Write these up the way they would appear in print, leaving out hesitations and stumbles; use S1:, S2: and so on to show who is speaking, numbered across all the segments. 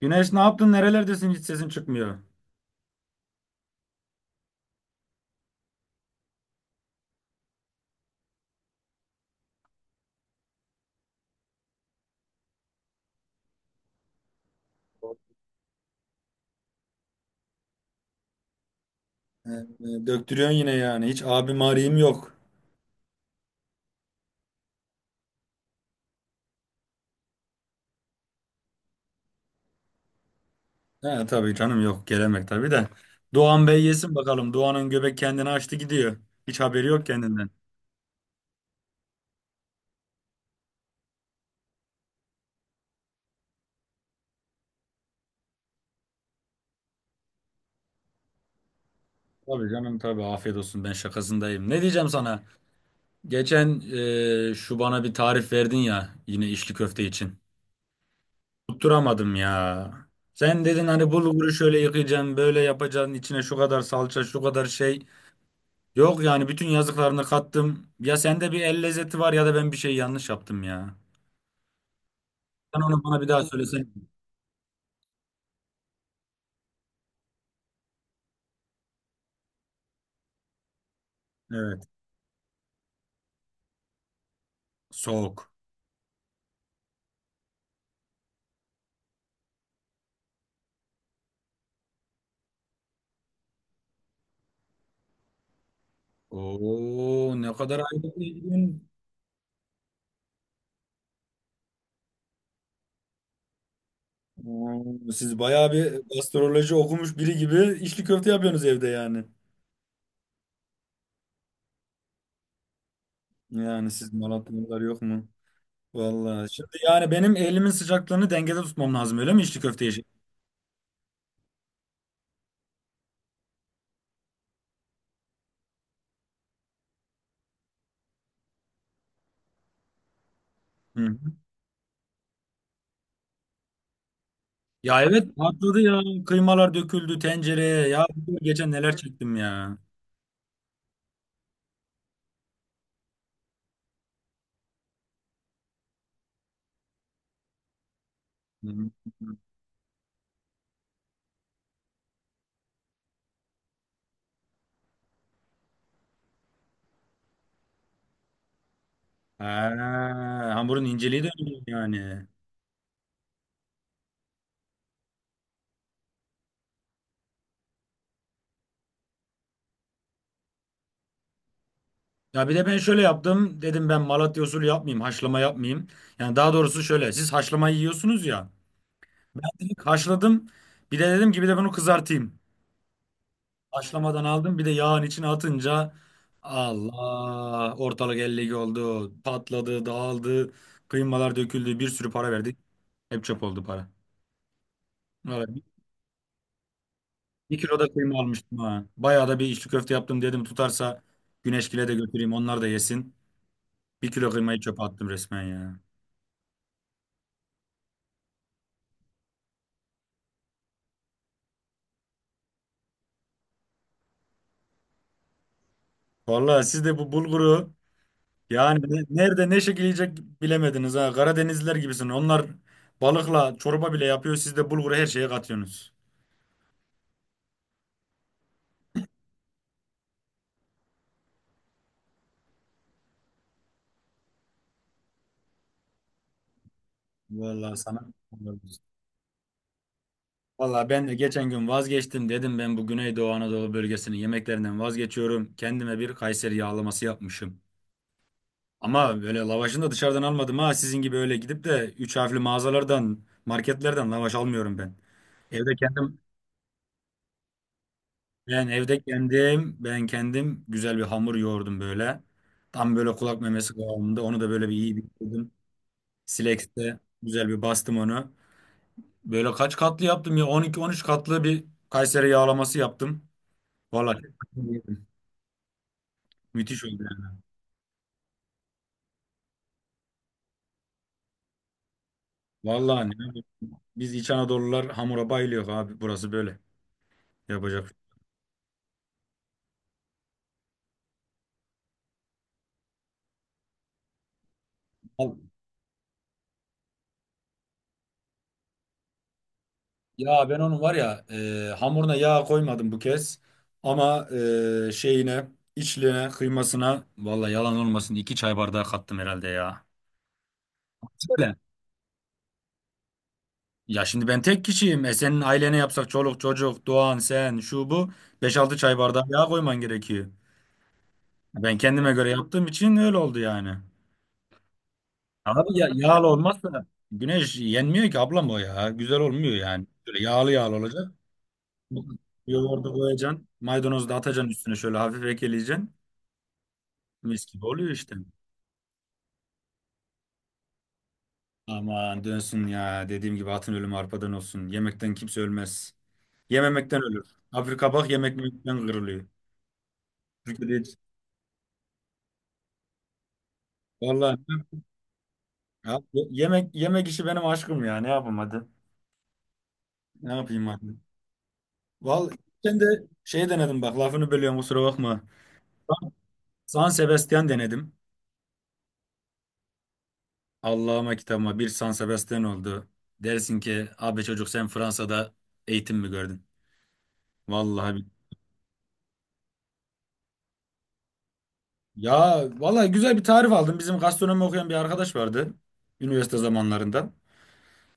S1: Güneş ne yaptın? Nerelerdesin? Hiç sesin çıkmıyor. Döktürüyorsun yine yani. Hiç abim arayayım yok. He tabii canım yok. Gelemek tabii de. Doğan Bey yesin bakalım. Doğan'ın göbek kendini açtı gidiyor. Hiç haberi yok kendinden. Tabii canım tabii afiyet olsun ben şakasındayım. Ne diyeceğim sana? Geçen şu bana bir tarif verdin ya yine içli köfte için. Tutturamadım ya. Sen dedin hani bulguru şöyle yıkayacaksın, böyle yapacaksın, içine şu kadar salça, şu kadar şey. Yok yani bütün yazdıklarını kattım. Ya sende bir el lezzeti var ya da ben bir şey yanlış yaptım ya. Sen onu bana bir daha söylesen. Evet. Soğuk. Oo, ne kadar aydın. Oo, siz bayağı bir gastroloji okumuş biri gibi içli köfte yapıyorsunuz evde yani. Yani siz Malatyalılar yok mu? Vallahi. Şimdi yani benim elimin sıcaklığını dengede tutmam lazım öyle mi içli köfteye? Hı hı. Ya evet, patladı ya. Kıymalar döküldü tencereye. Ya geçen neler çektim ya. Hı hı. Ha, hamurun inceliği de önemli yani. Ya bir de ben şöyle yaptım. Dedim ben Malatya usulü yapmayayım. Haşlama yapmayayım. Yani daha doğrusu şöyle. Siz haşlama yiyorsunuz ya. Ben direkt haşladım. Bir de dedim ki bir de bunu kızartayım. Haşlamadan aldım. Bir de yağın içine atınca Allah, ortalık ellik oldu. Patladı, dağıldı. Kıymalar döküldü. Bir sürü para verdik. Hep çöp oldu para. Vallahi bir kilo da kıyma almıştım ha. Bayağı da bir içli köfte yaptım dedim tutarsa Güneşgil'e de götüreyim onlar da yesin. Bir kilo kıymayı çöpe attım resmen ya. Vallahi siz de bu bulguru yani nerede ne şekil yiyecek bilemediniz ha. Karadenizliler gibisin. Onlar balıkla çorba bile yapıyor. Siz de bulguru her şeye katıyorsunuz. Vallahi sana. Vallahi ben de geçen gün vazgeçtim, dedim ben bu Güneydoğu Anadolu bölgesinin yemeklerinden vazgeçiyorum. Kendime bir Kayseri yağlaması yapmışım. Ama böyle lavaşını da dışarıdan almadım ha. Sizin gibi öyle gidip de üç harfli mağazalardan, marketlerden lavaş almıyorum ben. Evde kendim Ben evde kendim, ben kendim güzel bir hamur yoğurdum böyle. Tam böyle kulak memesi kıvamında. Onu da böyle bir iyi bitirdim. Silex'te güzel bir bastım onu. Böyle kaç katlı yaptım ya? 12-13 katlı bir Kayseri yağlaması yaptım. Vallahi müthiş oldu yani. Vallahi ne yapayım? Biz İç Anadolular hamura bayılıyor abi. Burası böyle. Yapacak. Ya ben onun var ya hamuruna yağ koymadım bu kez. Ama e, şeyine, içliğine, kıymasına vallahi yalan olmasın iki çay bardağı kattım herhalde ya. Söyle. Ya şimdi ben tek kişiyim. Senin ailene yapsak çoluk çocuk, Doğan, sen, şu bu, beş altı çay bardağı yağ koyman gerekiyor. Ben kendime göre yaptığım için öyle oldu yani. Abi ya, yağlı olmazsa güneş yenmiyor ki ablam o ya. Güzel olmuyor yani. Böyle yağlı yağlı olacak. Yoğurdu koyacaksın. Maydanozu da atacaksın üstüne şöyle hafif ekleyeceksin. Mis gibi oluyor işte. Aman dönsün ya. Dediğim gibi atın ölümü arpadan olsun. Yemekten kimse ölmez. Yememekten ölür. Afrika bak yemek yemekten kırılıyor. Türkiye'de hiç. Vallahi ya, yemek yemek işi benim aşkım ya. Ne yapayım hadi. Ne yapayım hadi. Vallahi ben de şey denedim, bak lafını bölüyorum kusura bakma. San Sebastian denedim. Allah'ıma kitabıma bir San Sebastian oldu. Dersin ki abi çocuk sen Fransa'da eğitim mi gördün? Vallahi. Ya vallahi güzel bir tarif aldım. Bizim gastronomi okuyan bir arkadaş vardı üniversite zamanlarında.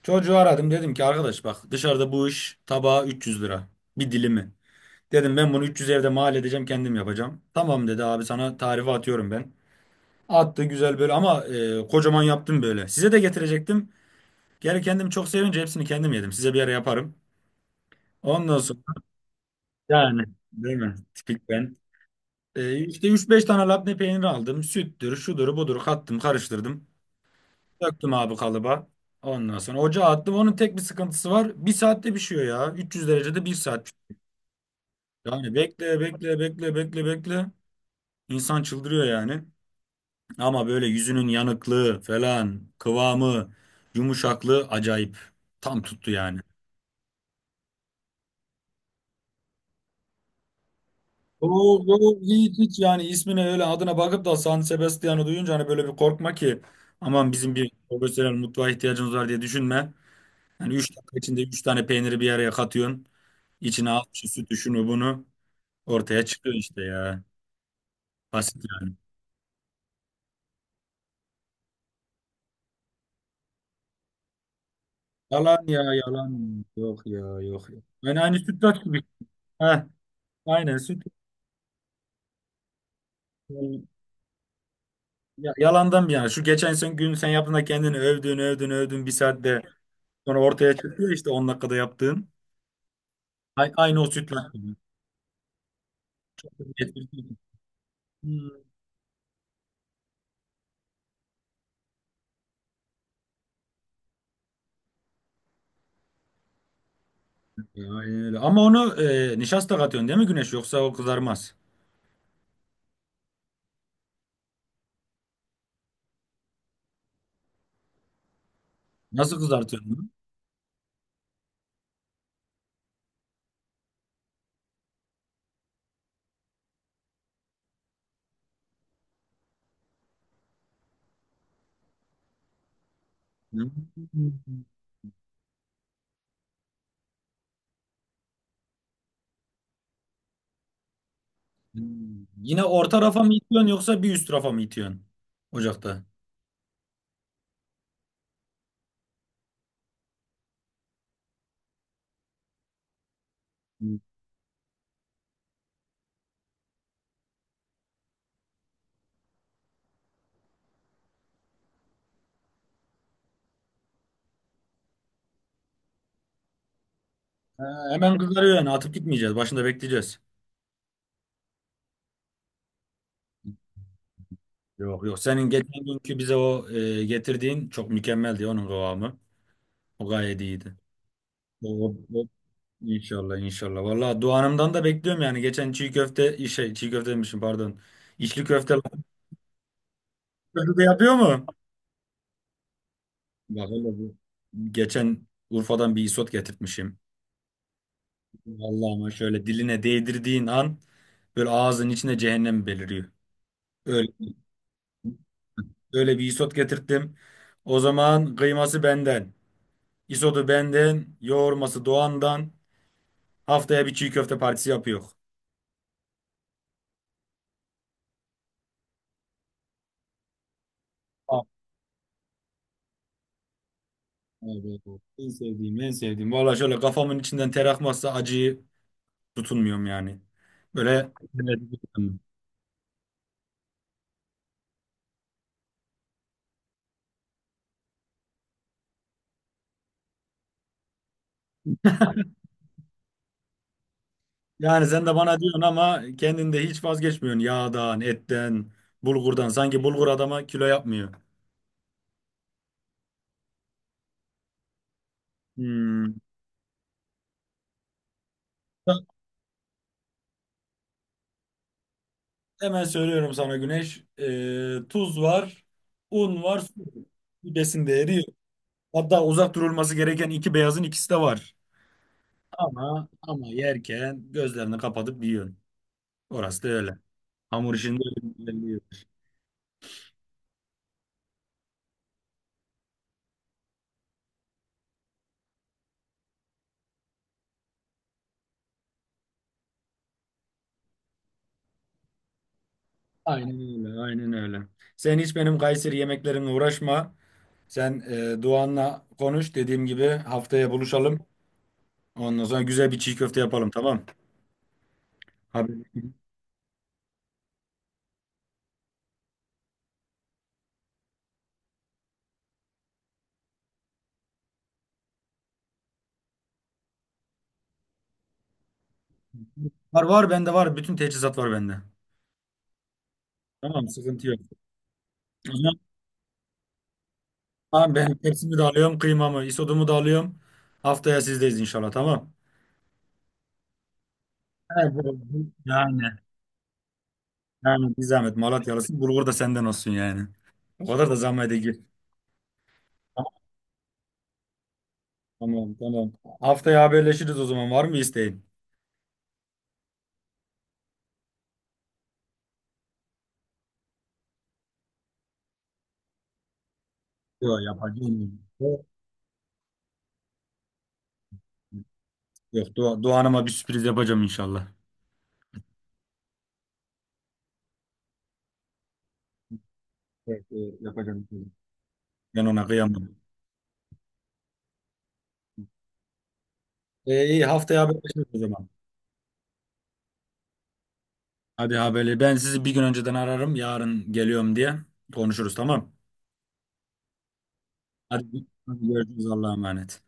S1: Çocuğu aradım dedim ki arkadaş bak dışarıda bu iş tabağı 300 lira bir dilimi. Dedim ben bunu 300 evde mal edeceğim, kendim yapacağım. Tamam dedi abi, sana tarifi atıyorum ben. Attı güzel böyle ama kocaman yaptım böyle. Size de getirecektim. Geri kendim çok sevince hepsini kendim yedim. Size bir ara yaparım. Ondan sonra yani, değil mi? Tipik ben. İşte üç beş tane labne peyniri aldım. Süttür, şudur, budur kattım, karıştırdım. Döktüm abi kalıba. Ondan sonra ocağa attım. Onun tek bir sıkıntısı var. Bir saatte pişiyor ya. 300 derecede bir saat pişiyor. Yani bekle bekle bekle bekle bekle. İnsan çıldırıyor yani. Ama böyle yüzünün yanıklığı falan, kıvamı, yumuşaklığı acayip. Tam tuttu yani. Oo, oo, hiç, hiç, yani ismine öyle adına bakıp da San Sebastian'ı duyunca hani böyle bir korkma ki aman bizim bir profesyonel mutfağa ihtiyacımız var diye düşünme. Yani 3 dakika içinde 3 tane peyniri bir araya katıyorsun. İçine al şu sütü şunu bunu, ortaya çıkıyor işte ya. Basit yani. Yalan ya yalan. Yok ya yok, ya. Yani aynı sütlaç gibi. Heh, aynen süt. Ya, yalandan bir yana. Şu geçen sen gün sen yaptığında kendini övdün övdün övdün, bir saatte sonra ortaya çıkıyor işte 10 dakikada yaptığın. Aynı o sütlaç gibi. Hmm. Ya, aynen öyle. Ama onu nişasta katıyorsun değil mi Güneş? Yoksa o kızarmaz. Nasıl kızartıyorsun? Onu? Hmm. Hmm. Yine orta rafa mı itiyorsun yoksa bir üst rafa mı itiyorsun ocakta? Hmm. Ha, hemen kızarıyor yani, atıp gitmeyeceğiz. Başında bekleyeceğiz. Yok yok, senin geçen günkü bize o getirdiğin çok mükemmeldi, onun kıvamı. O gayet iyiydi. O, o, o- İnşallah inşallah. Vallahi duanımdan da bekliyorum yani. Geçen çiğ köfte şey çiğ köfte demişim, pardon. İçli köfte laf köfte de yapıyor mu? Bak hele bu. Geçen Urfa'dan bir isot getirtmişim. Vallahi ama şöyle diline değdirdiğin an böyle ağzın içine cehennem beliriyor. Öyle, öyle bir isot getirttim. O zaman kıyması benden, isotu benden, yoğurması Doğan'dan. Haftaya bir çiğ köfte partisi yapıyor. Ah, evet, evet. Evet. En sevdiğim, en sevdiğim. Vallahi şöyle kafamın içinden ter akmazsa acıyı tutunmuyorum yani. Böyle yani, sen de bana diyorsun ama kendin de hiç vazgeçmiyorsun yağdan, etten, bulgurdan. Sanki bulgur adama kilo yapmıyor. Hmm. Hemen söylüyorum sana Güneş. Tuz var, un var, su var. Bir besin değeri yok. Hatta uzak durulması gereken iki beyazın ikisi de var. Ama yerken gözlerini kapatıp yiyorsun. Orası da öyle. Hamur işinde öyle bir yer. Aynen öyle, aynen öyle. Sen hiç benim Kayseri yemeklerimle uğraşma. Sen Doğan'la konuş. Dediğim gibi haftaya buluşalım. Ondan sonra güzel bir çiğ köfte yapalım, tamam. Haberin- Var var bende var. Bütün teçhizat var bende. Tamam, sıkıntı yok. O zaman tamam, ben tepsimi de alıyorum, kıymamı, isodumu da alıyorum. Haftaya sizdeyiz inşallah, tamam. Evet, yani. Yani bir zahmet Malatyalısın. Bulgur da senden olsun yani. O kadar da zahmet değil. Tamam, tamam. Tamam. Haftaya haberleşiriz o zaman. Var mı isteğin? Yok, yapacağım. Yok yok, Doğan'ıma bir sürpriz yapacağım inşallah. Evet, evet, yapacağım. Ben ona kıyamam. İyi haftaya haberleşiriz o zaman. Hadi haberle. Ben sizi bir gün önceden ararım. Yarın geliyorum diye konuşuruz, tamam. Hadi, hadi görüşürüz, Allah'a emanet.